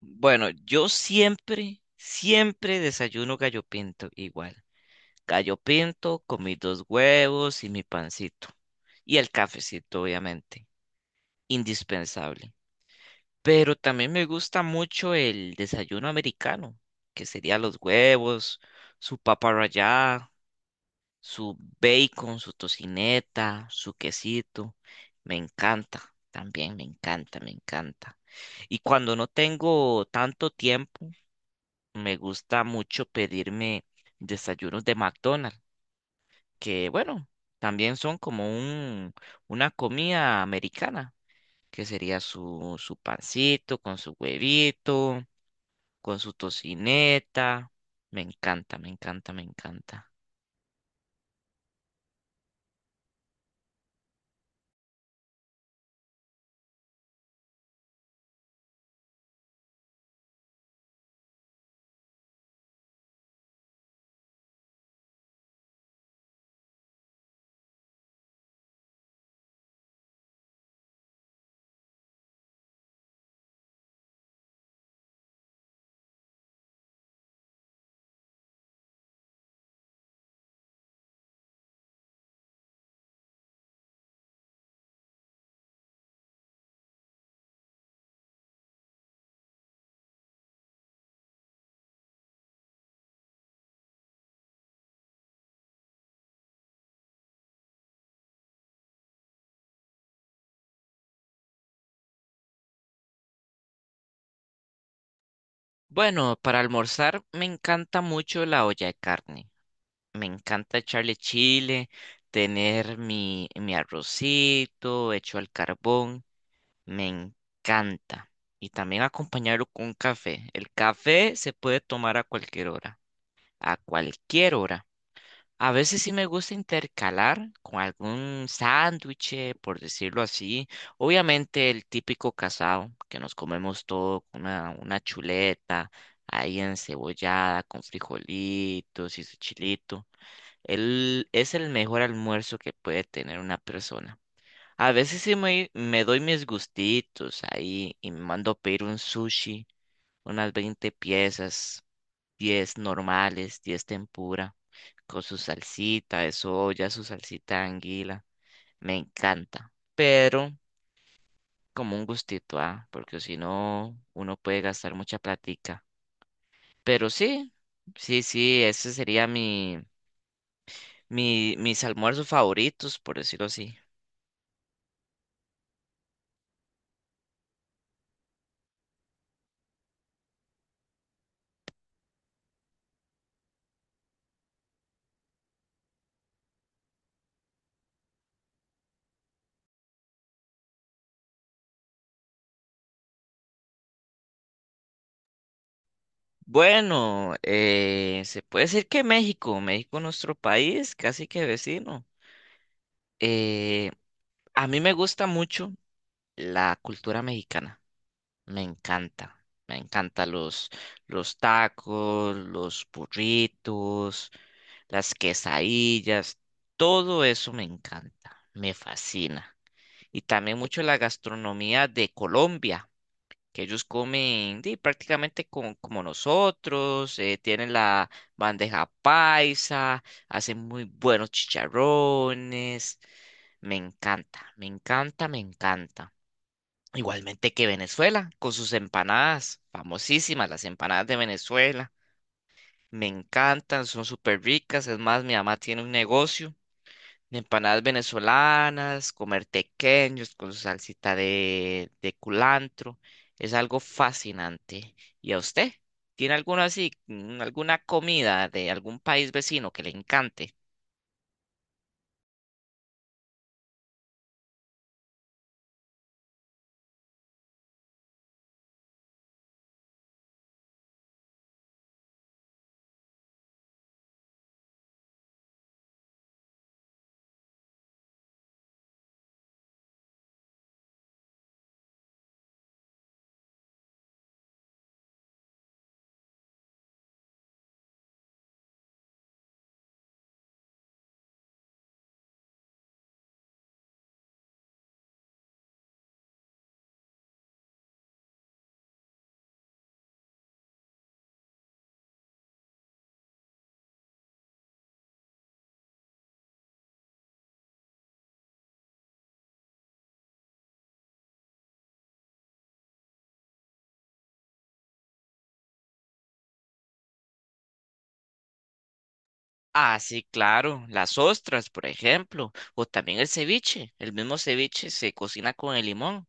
Bueno, yo siempre, siempre desayuno gallo pinto igual. Gallo pinto con mis dos huevos y mi pancito. Y el cafecito, obviamente. Indispensable. Pero también me gusta mucho el desayuno americano, que sería los huevos, su papa rallada, su bacon, su tocineta, su quesito. Me encanta, también me encanta, me encanta. Y cuando no tengo tanto tiempo, me gusta mucho pedirme desayunos de McDonald's, que bueno, también son una comida americana, que sería su pancito con su huevito, con su tocineta. Me encanta, me encanta, me encanta. Bueno, para almorzar me encanta mucho la olla de carne. Me encanta echarle chile, tener mi arrocito hecho al carbón. Me encanta. Y también acompañarlo con café. El café se puede tomar a cualquier hora, a cualquier hora. A veces sí me gusta intercalar con algún sándwich, por decirlo así. Obviamente el típico casado, que nos comemos todo con una chuleta ahí encebollada, con frijolitos y su chilito. Él es el mejor almuerzo que puede tener una persona. A veces sí me doy mis gustitos ahí y me mando a pedir un sushi, unas 20 piezas, 10 normales, 10 tempura, con su salsita de soya, su salsita de anguila. Me encanta, pero como un gustito, ah, porque si no, uno puede gastar mucha platica. Pero sí, sí, sí, ese sería mis almuerzos favoritos, por decirlo así. Bueno, se puede decir que México, México nuestro país, casi que vecino. Eh, a mí me gusta mucho la cultura mexicana, me encanta, me encanta los tacos, los burritos, las quesadillas, todo eso me encanta, me fascina. Y también mucho la gastronomía de Colombia que ellos comen di, prácticamente como nosotros, tienen la bandeja paisa, hacen muy buenos chicharrones, me encanta, me encanta, me encanta. Igualmente que Venezuela, con sus empanadas, famosísimas las empanadas de Venezuela, me encantan, son súper ricas, es más, mi mamá tiene un negocio de empanadas venezolanas, comer tequeños con su salsita de culantro. Es algo fascinante. ¿Y a usted? ¿Tiene alguna así, alguna comida de algún país vecino que le encante? Ah, sí, claro, las ostras, por ejemplo, o también el ceviche. El mismo ceviche se cocina con el limón.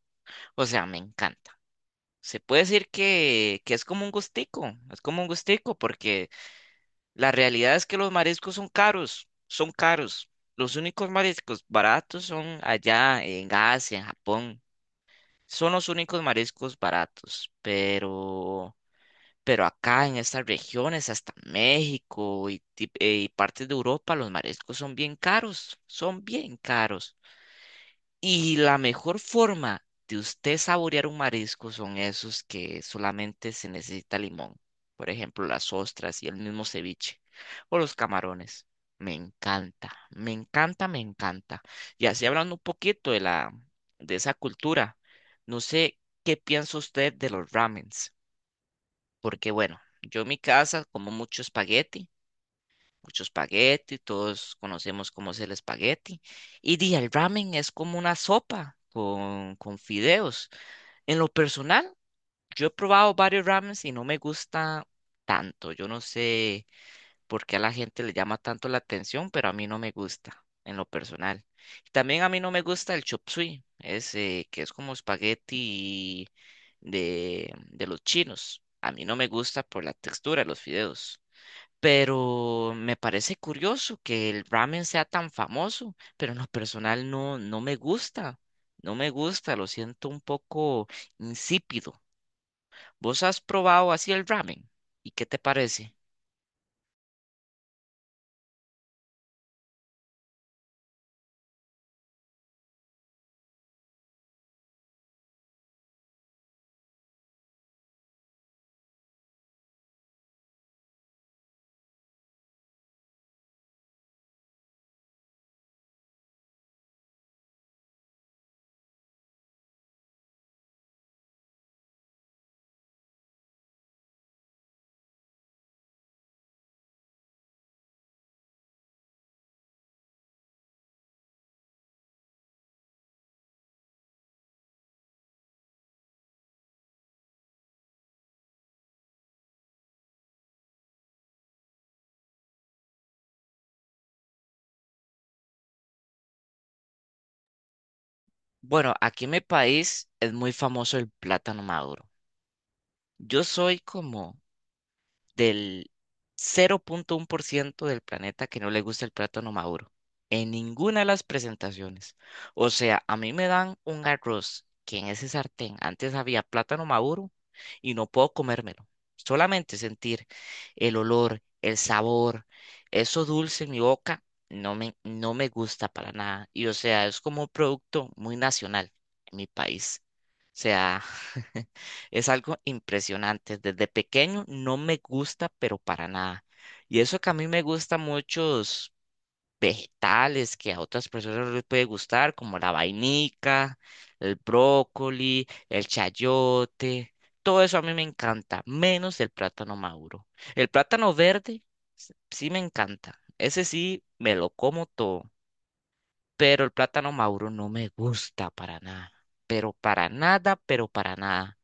O sea, me encanta. Se puede decir que es como un gustico, es como un gustico porque la realidad es que los mariscos son caros, son caros. Los únicos mariscos baratos son allá en Asia, en Japón. Son los únicos mariscos baratos, pero acá en estas regiones, hasta México y y partes de Europa, los mariscos son bien caros, son bien caros. Y la mejor forma de usted saborear un marisco son esos que solamente se necesita limón. Por ejemplo, las ostras y el mismo ceviche o los camarones. Me encanta, me encanta, me encanta. Y así hablando un poquito de esa cultura, no sé qué piensa usted de los ramens, porque bueno, yo en mi casa como mucho espagueti, todos conocemos cómo es el espagueti. Y di, el ramen es como una sopa con fideos. En lo personal, yo he probado varios ramens y no me gusta tanto. Yo no sé por qué a la gente le llama tanto la atención, pero a mí no me gusta en lo personal. También a mí no me gusta el chop suey, ese que es como espagueti de los chinos. A mí no me gusta por la textura de los fideos. Pero me parece curioso que el ramen sea tan famoso, pero en lo personal no, no me gusta, no me gusta, lo siento un poco insípido. ¿Vos has probado así el ramen? ¿Y qué te parece? Bueno, aquí en mi país es muy famoso el plátano maduro. Yo soy como del 0,1% del planeta que no le gusta el plátano maduro. En ninguna de las presentaciones. O sea, a mí me dan un arroz que en ese sartén antes había plátano maduro y no puedo comérmelo. Solamente sentir el olor, el sabor, eso dulce en mi boca, no me gusta para nada. Y o sea, es como un producto muy nacional en mi país. O sea, es algo impresionante. Desde pequeño no me gusta, pero para nada. Y eso que a mí me gustan muchos vegetales que a otras personas les puede gustar, como la vainica, el brócoli, el chayote. Todo eso a mí me encanta, menos el plátano maduro. El plátano verde sí me encanta. Ese sí me lo como todo. Pero el plátano maduro no me gusta para nada. Pero para nada, pero para nada.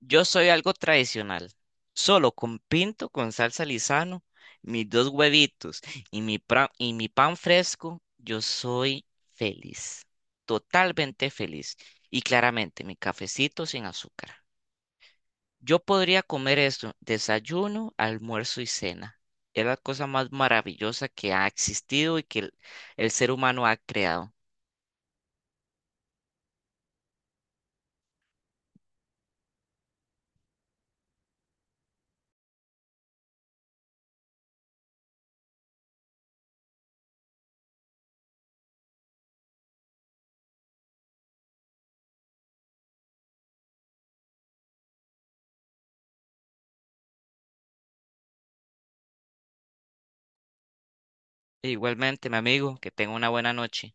Yo soy algo tradicional. Solo con pinto, con salsa Lizano, mis dos huevitos y y mi pan fresco, yo soy feliz. Totalmente feliz. Y claramente, mi cafecito sin azúcar. Yo podría comer esto, desayuno, almuerzo y cena. Es la cosa más maravillosa que ha existido y que el ser humano ha creado. E igualmente, mi amigo, que tenga una buena noche.